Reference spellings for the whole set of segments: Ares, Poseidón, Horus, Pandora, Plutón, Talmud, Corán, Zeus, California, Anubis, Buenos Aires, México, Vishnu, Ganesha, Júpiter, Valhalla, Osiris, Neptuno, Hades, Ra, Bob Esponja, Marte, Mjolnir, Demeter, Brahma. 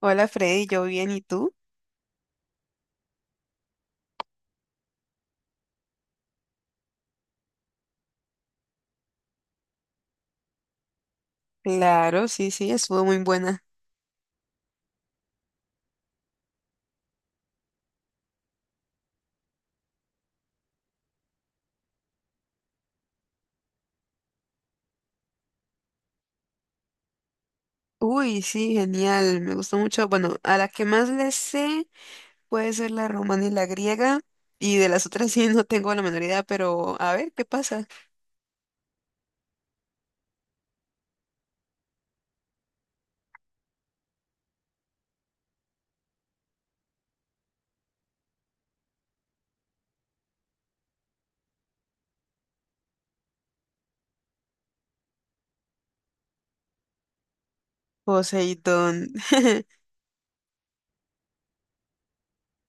Hola Freddy, yo bien, ¿y tú? Claro, sí, sí, estuvo muy buena. Uy, sí, genial, me gustó mucho. Bueno, a la que más le sé puede ser la romana y la griega, y de las otras sí no tengo la menor idea, pero a ver, ¿qué pasa? Poseidón.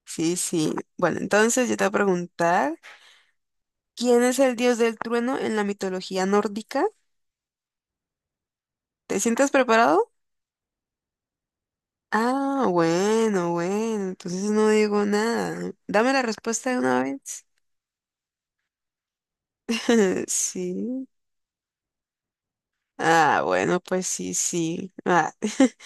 Sí, sí. Bueno, entonces yo te voy a preguntar, ¿quién es el dios del trueno en la mitología nórdica? ¿Te sientes preparado? Ah, bueno, bueno, entonces no digo nada. Dame la respuesta de una vez. Sí. Ah, bueno, pues sí, sí. Ah.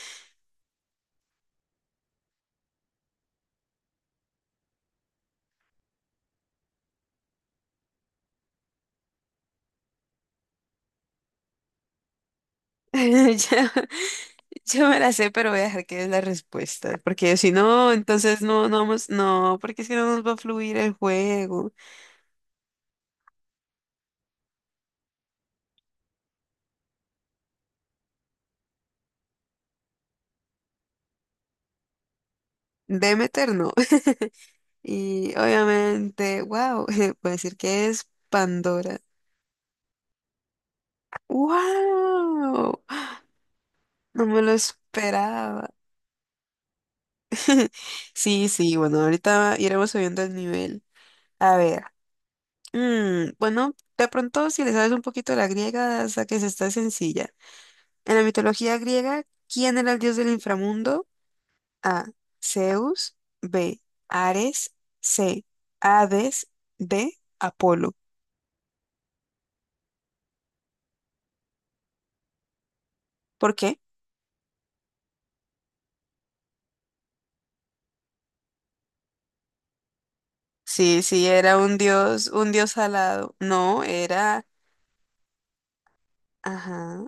Ya- Yo, me la sé, pero voy a dejar que es la respuesta. Porque si no, entonces no, no vamos, no, porque si no nos va a fluir el juego. Demeter no. Y obviamente, wow, voy a decir que es Pandora. ¡Wow! No me lo esperaba. Sí, sí, bueno, ahorita iremos subiendo el nivel. A ver. Bueno, de pronto, si le sabes un poquito la griega, hasta que se está sencilla. En la mitología griega, ¿quién era el dios del inframundo? A. Zeus. B. Ares. C. Hades. D. Apolo. ¿Por qué? Sí, sí, era un dios alado. No, era... Ajá.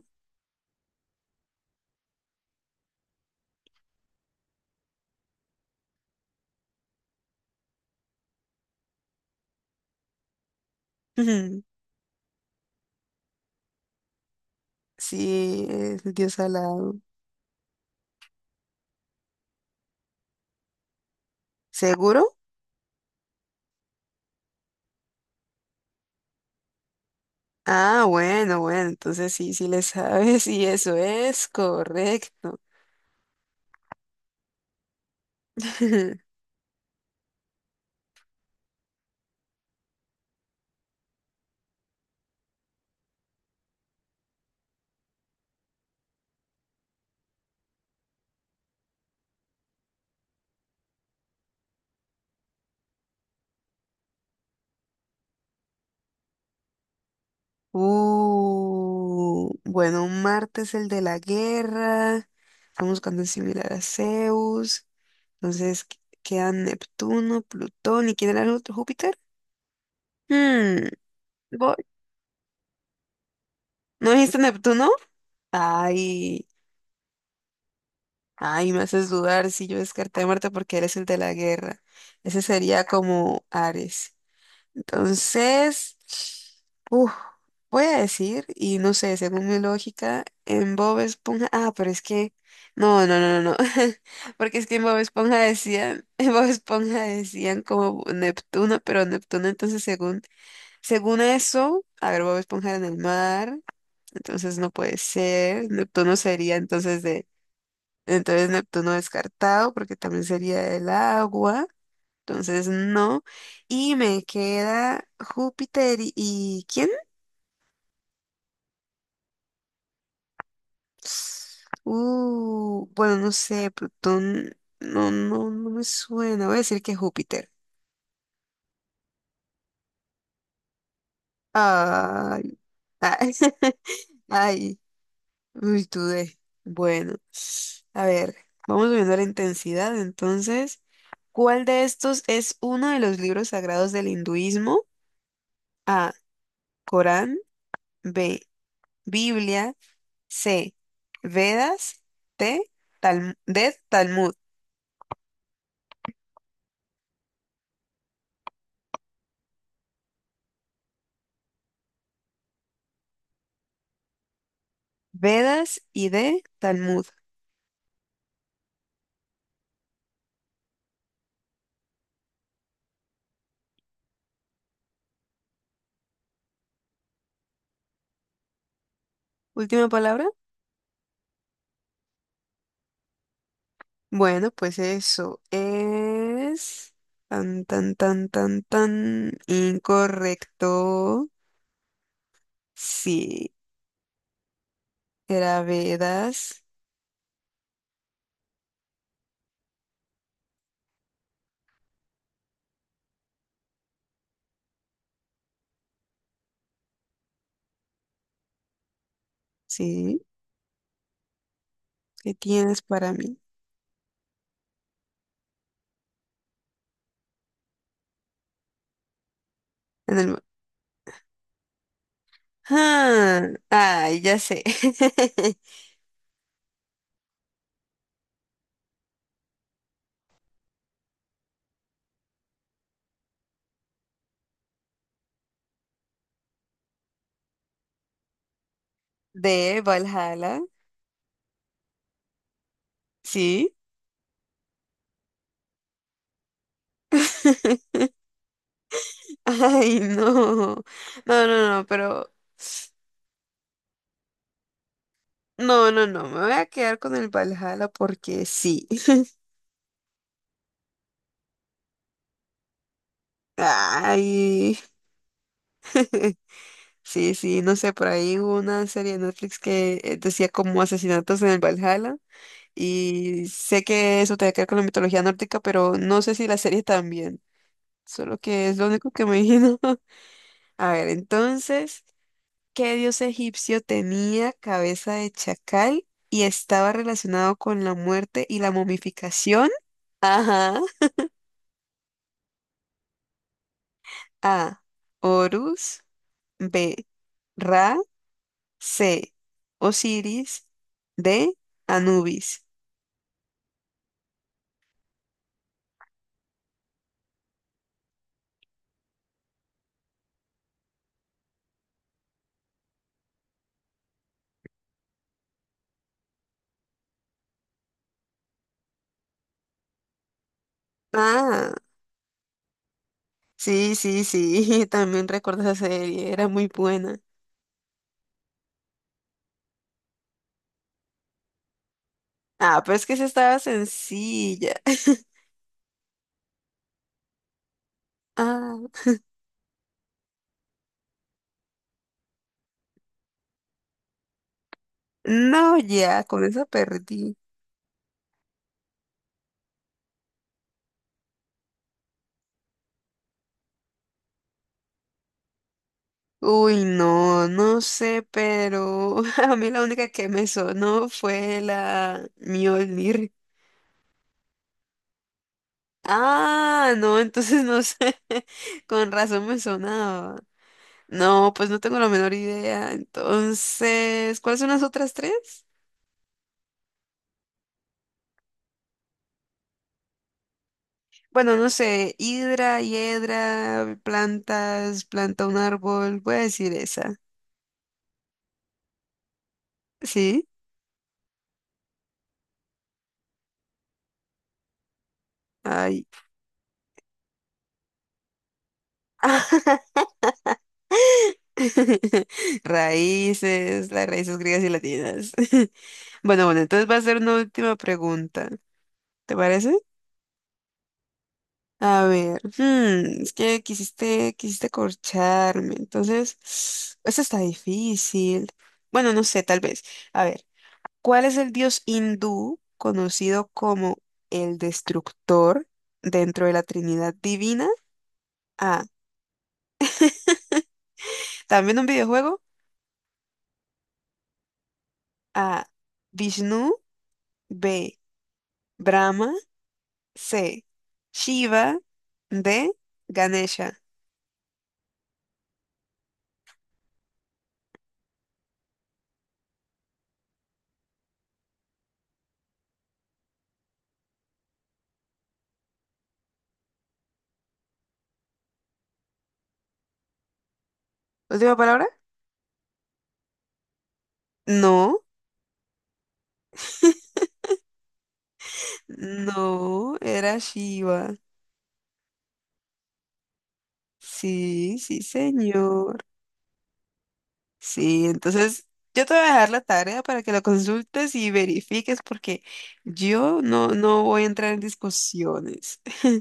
Sí, es el dios alado. ¿Seguro? Ah, bueno, bueno, entonces sí, sí le sabes y eso es correcto. Bueno, Marte es el de la guerra. Estamos buscando el similar a Zeus. Entonces quedan Neptuno, Plutón. ¿Y quién era el otro? ¿Júpiter? Hmm, Voy. ¿No dijiste Neptuno? Ay, ay, me haces dudar si yo descarté a Marte porque él es el de la guerra. Ese sería como Ares. Entonces, uf, voy a decir, y no sé, según mi lógica, en Bob Esponja, ah, pero es que, no, no, no, no, no, porque es que en Bob Esponja decían, en Bob Esponja decían como Neptuno, pero Neptuno entonces según, según eso, a ver, Bob Esponja era en el mar, entonces no puede ser, Neptuno sería entonces de, entonces Neptuno descartado, porque también sería el agua. Entonces, no. Y me queda Júpiter y, ¿quién? Bueno, no sé, Plutón, no, no, no me suena. Voy a decir que Júpiter. Ay, ay, ay, uy, dudé. Bueno, a ver, vamos viendo la intensidad. Entonces, ¿cuál de estos es uno de los libros sagrados del hinduismo? A, Corán, B, Biblia. C. Vedas. T. D. Talmud. Vedas y D. Talmud. Última palabra. Bueno, pues eso es tan, tan, tan, tan, tan incorrecto. Sí, era Vedas. Sí, ¿qué tienes para mí? En el... Ah, ay, ya sé. De Valhalla. Sí. Ay, no. No, no, no, pero. No, no, no. Me voy a quedar con el Valhalla porque sí. Ay. Sí, sí, no sé, por ahí hubo una serie de Netflix que decía como asesinatos en el Valhalla. Y sé que eso tiene que ver con la mitología nórdica, pero no sé si la serie también. Solo que es lo único que me imagino. A ver, entonces. ¿Qué dios egipcio tenía cabeza de chacal y estaba relacionado con la muerte y la momificación? Ajá. A. Horus. B. Ra. C. Osiris. D. Anubis. Ah, sí, sí, sí. También recuerdo esa serie. Era muy buena. Ah, pero es que esa estaba sencilla. Ah, no, ya, con esa perdí. Uy, no, no sé, pero a mí la única que me sonó fue la Mjolnir. Ah, no, entonces no sé. Con razón me sonaba. No, pues no tengo la menor idea. Entonces, ¿cuáles son las otras tres? Bueno, no sé, hidra, hiedra, plantas, planta un árbol. Voy a decir esa. ¿Sí? Ay. Raíces, las raíces griegas y latinas. Bueno, bueno, entonces va a ser una última pregunta. ¿Te parece? A ver, hmm, es que quisiste corcharme, entonces, esto está difícil. Bueno, no sé, tal vez. A ver, ¿cuál es el dios hindú conocido como el destructor dentro de la Trinidad Divina? A. También un videojuego. A. Vishnu. B. Brahma. C. Shiva. D. Ganesha. ¿Última palabra? No, no, era Shiva. Sí, sí, señor. Sí, entonces yo te voy a dejar la tarea para que la consultes y verifiques porque yo no, no voy a entrar en discusiones.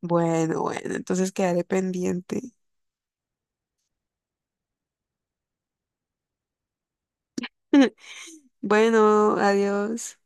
Bueno, bueno, entonces quedaré pendiente. Bueno, adiós.